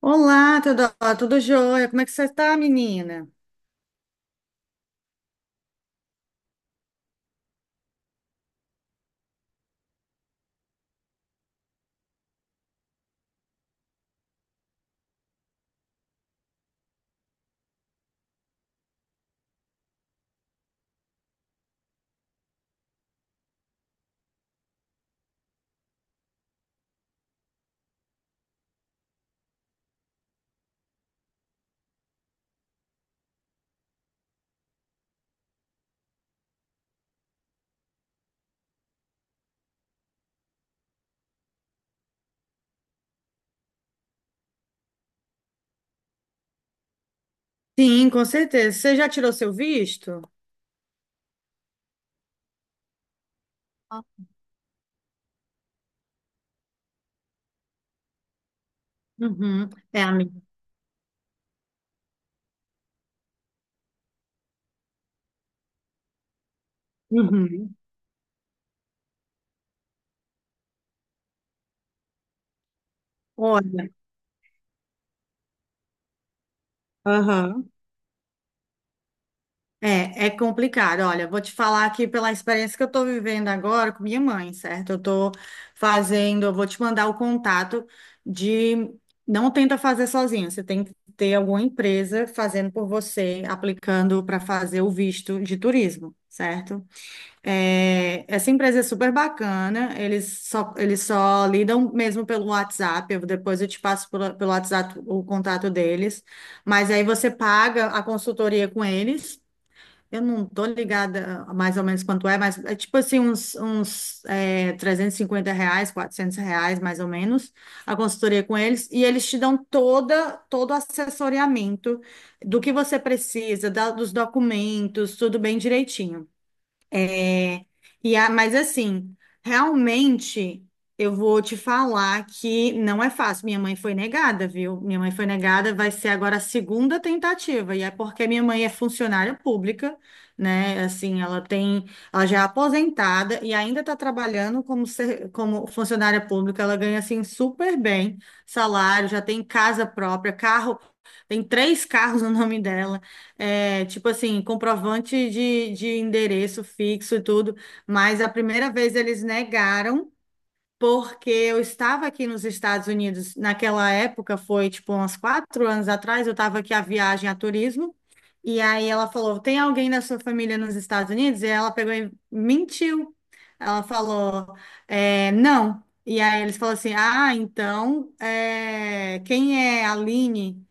Olá, Teodoro, tudo jóia? Como é que você tá, menina? Sim, com certeza. Você já tirou seu visto? Uhum. É, amiga. Uhum. Olha, aham. É complicado. Olha, vou te falar aqui pela experiência que eu estou vivendo agora com minha mãe, certo? Eu vou te mandar o contato de. Não tenta fazer sozinho, você tem que ter alguma empresa fazendo por você, aplicando para fazer o visto de turismo, certo? É, essa empresa é super bacana, eles só lidam mesmo pelo WhatsApp, depois eu te passo pelo WhatsApp o contato deles, mas aí você paga a consultoria com eles. Eu não tô ligada mais ou menos quanto é, mas é tipo assim R$ 350, R$ 400 mais ou menos, a consultoria com eles, e eles te dão todo o assessoramento do que você precisa, dos documentos, tudo bem direitinho. É, mas assim, realmente eu vou te falar que não é fácil. Minha mãe foi negada, viu? Minha mãe foi negada, vai ser agora a segunda tentativa, e é porque minha mãe é funcionária pública, né? Assim, ela já é aposentada e ainda está trabalhando como, como funcionária pública. Ela ganha assim super bem salário, já tem casa própria, carro, tem três carros no nome dela. É, tipo assim, comprovante de endereço fixo e tudo, mas a primeira vez eles negaram, porque eu estava aqui nos Estados Unidos, naquela época, foi tipo uns 4 anos atrás, eu estava aqui a viagem a turismo. E aí ela falou: Tem alguém da sua família nos Estados Unidos? E ela pegou e mentiu. Ela falou: é, não. E aí eles falaram assim: Ah, então, é, quem é a Aline?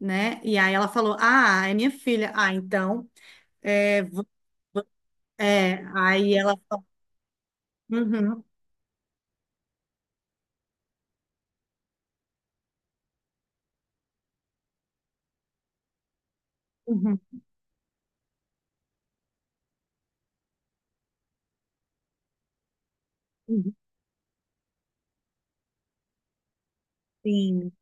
Né? E aí ela falou: Ah, é minha filha. Ah, então. É, é. Aí ela. Uhum, uhum, uhum. Sim,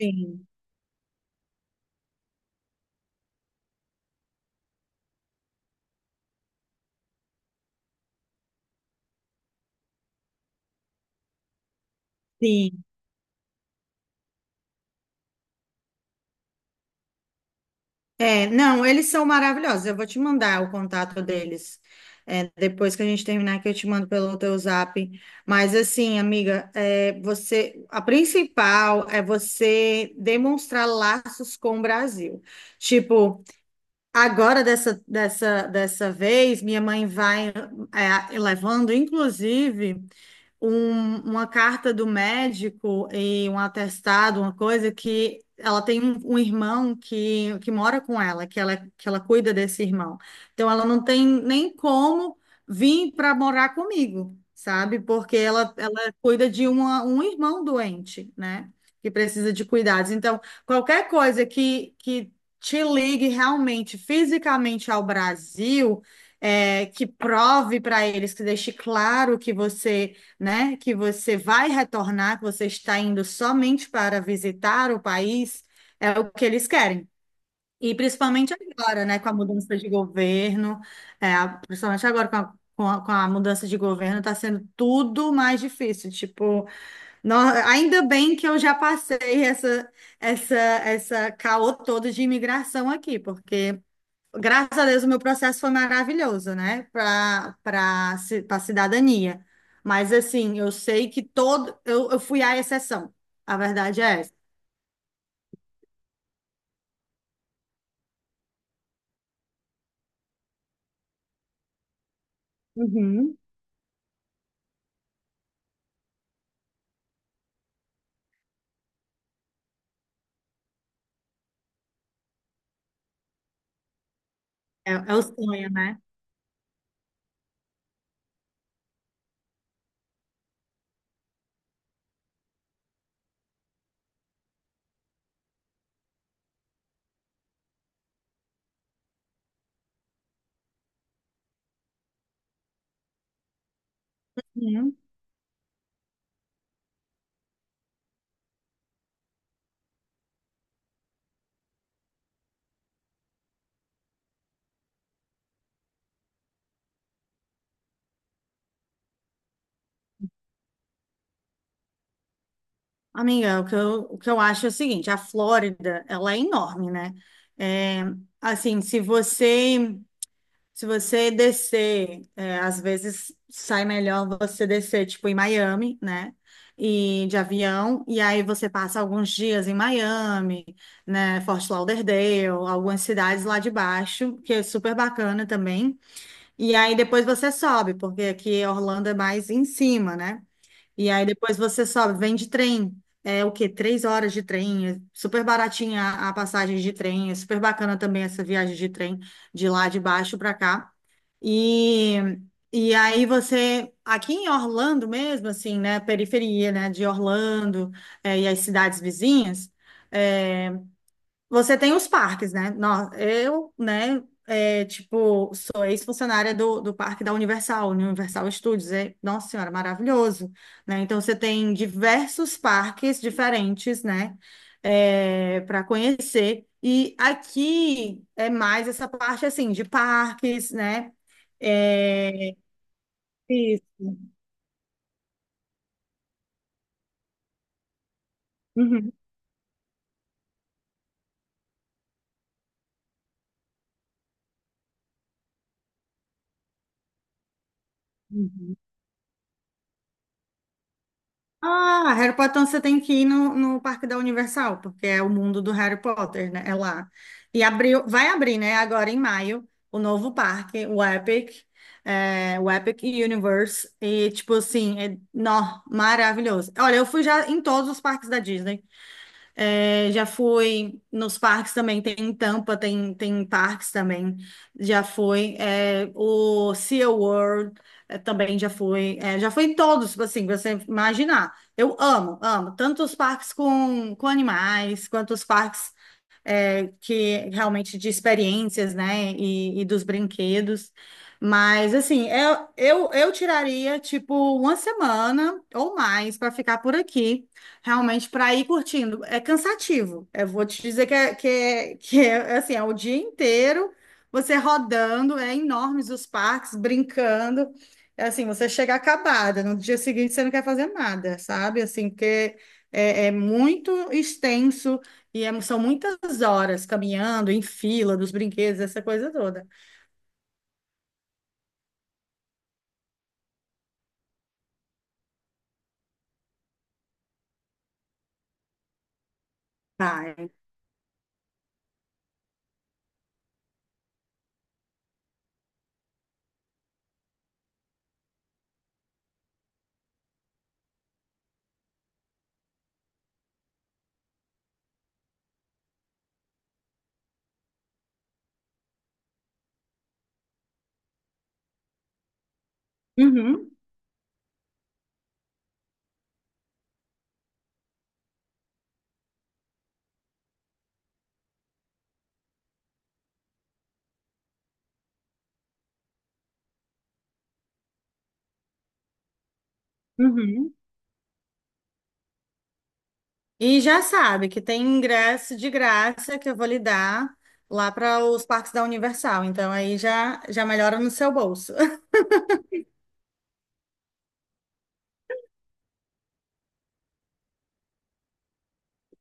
sim, sim. É, não, eles são maravilhosos. Eu vou te mandar o contato deles. É, depois que a gente terminar, que eu te mando pelo teu zap. Mas assim, amiga, é, você, a principal é você demonstrar laços com o Brasil. Tipo, agora, dessa vez, minha mãe vai é, levando, inclusive uma carta do médico e um atestado, uma coisa que ela tem um irmão que mora com ela, que ela cuida desse irmão. Então ela não tem nem como vir para morar comigo, sabe? Porque ela cuida de um irmão doente, né? Que precisa de cuidados. Então, qualquer coisa que te ligue realmente fisicamente ao Brasil, é, que prove para eles, que deixe claro que você né? Que você vai retornar, que você está indo somente para visitar o país, é o que eles querem. E principalmente agora, né? Com a mudança de governo, é, principalmente agora com a mudança de governo, está sendo tudo mais difícil. Tipo, ainda bem que eu já passei essa caô todo de imigração aqui, porque graças a Deus, o meu processo foi maravilhoso, né? Para cidadania. Mas assim, eu sei que todo eu fui a exceção. A verdade é essa. Uhum. É, é o sonho, né? Uhum. Amiga, o que eu acho é o seguinte, a Flórida, ela é enorme, né? É, assim, se você descer, é, às vezes sai melhor você descer, tipo, em Miami, né? E de avião, e aí você passa alguns dias em Miami, né? Fort Lauderdale, algumas cidades lá de baixo, que é super bacana também. E aí depois você sobe, porque aqui Orlando é mais em cima, né? E aí depois você sobe, vem de trem. É o quê? 3 horas de trem. É super baratinha a passagem de trem. É super bacana também essa viagem de trem de lá de baixo para cá. E, Aqui em Orlando mesmo, assim, né? Periferia, né? De Orlando, é, e as cidades vizinhas. É, você tem os parques, né? Eu, né, é, tipo, sou ex-funcionária do parque da Universal, Universal Studios. É, nossa senhora, maravilhoso, né? Então, você tem diversos parques diferentes, né, para conhecer. E aqui é mais essa parte, assim, de parques, né? É, isso. Uhum. Uhum. Ah, Harry Potter, então você tem que ir no Parque da Universal, porque é o mundo do Harry Potter, né? É lá. E abriu, vai abrir, né? Agora em maio, o novo parque, o Epic, é, o Epic Universe. E, tipo assim, é, nó, maravilhoso. Olha, eu fui já em todos os parques da Disney. É, já fui nos parques também, tem em Tampa, tem, tem parques também, já fui. É, o SeaWorld é, também já fui. É, já fui em todos, tipo assim, pra você imaginar. Eu amo, amo. Tanto os parques com animais, quanto os parques é, que realmente de experiências, né, e dos brinquedos. Mas, assim, eu tiraria, tipo, uma semana ou mais para ficar por aqui, realmente para ir curtindo. É cansativo, eu vou te dizer que é, assim, é o dia inteiro você rodando, é enormes os parques, brincando. É assim, você chega acabada, no dia seguinte você não quer fazer nada, sabe? Assim, porque é, é muito extenso são muitas horas caminhando em fila dos brinquedos, essa coisa toda. Vai. Uhum, uhum. E já sabe que tem ingresso de graça que eu vou lhe dar lá para os parques da Universal. Então aí já melhora no seu bolso.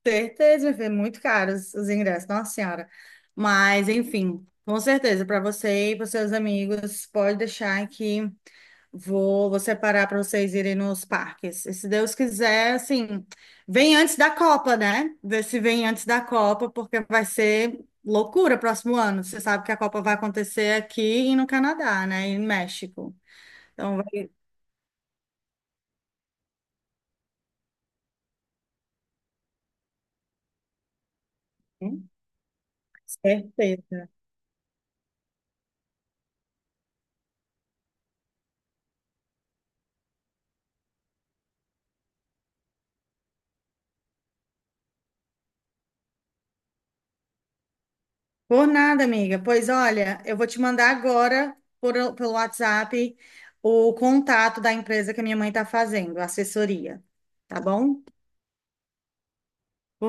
Certeza, meu filho, muito caros os ingressos, nossa senhora. Mas enfim, com certeza, para você e para seus amigos, pode deixar que vou separar para vocês irem nos parques. E se Deus quiser, assim, vem antes da Copa, né? Vê se vem antes da Copa, porque vai ser loucura próximo ano. Você sabe que a Copa vai acontecer aqui e no Canadá, né? E no México. Então, vai... Hum, certeza. Por nada, amiga. Pois olha, eu vou te mandar agora pelo WhatsApp o contato da empresa que a minha mãe está fazendo, a assessoria. Tá bom?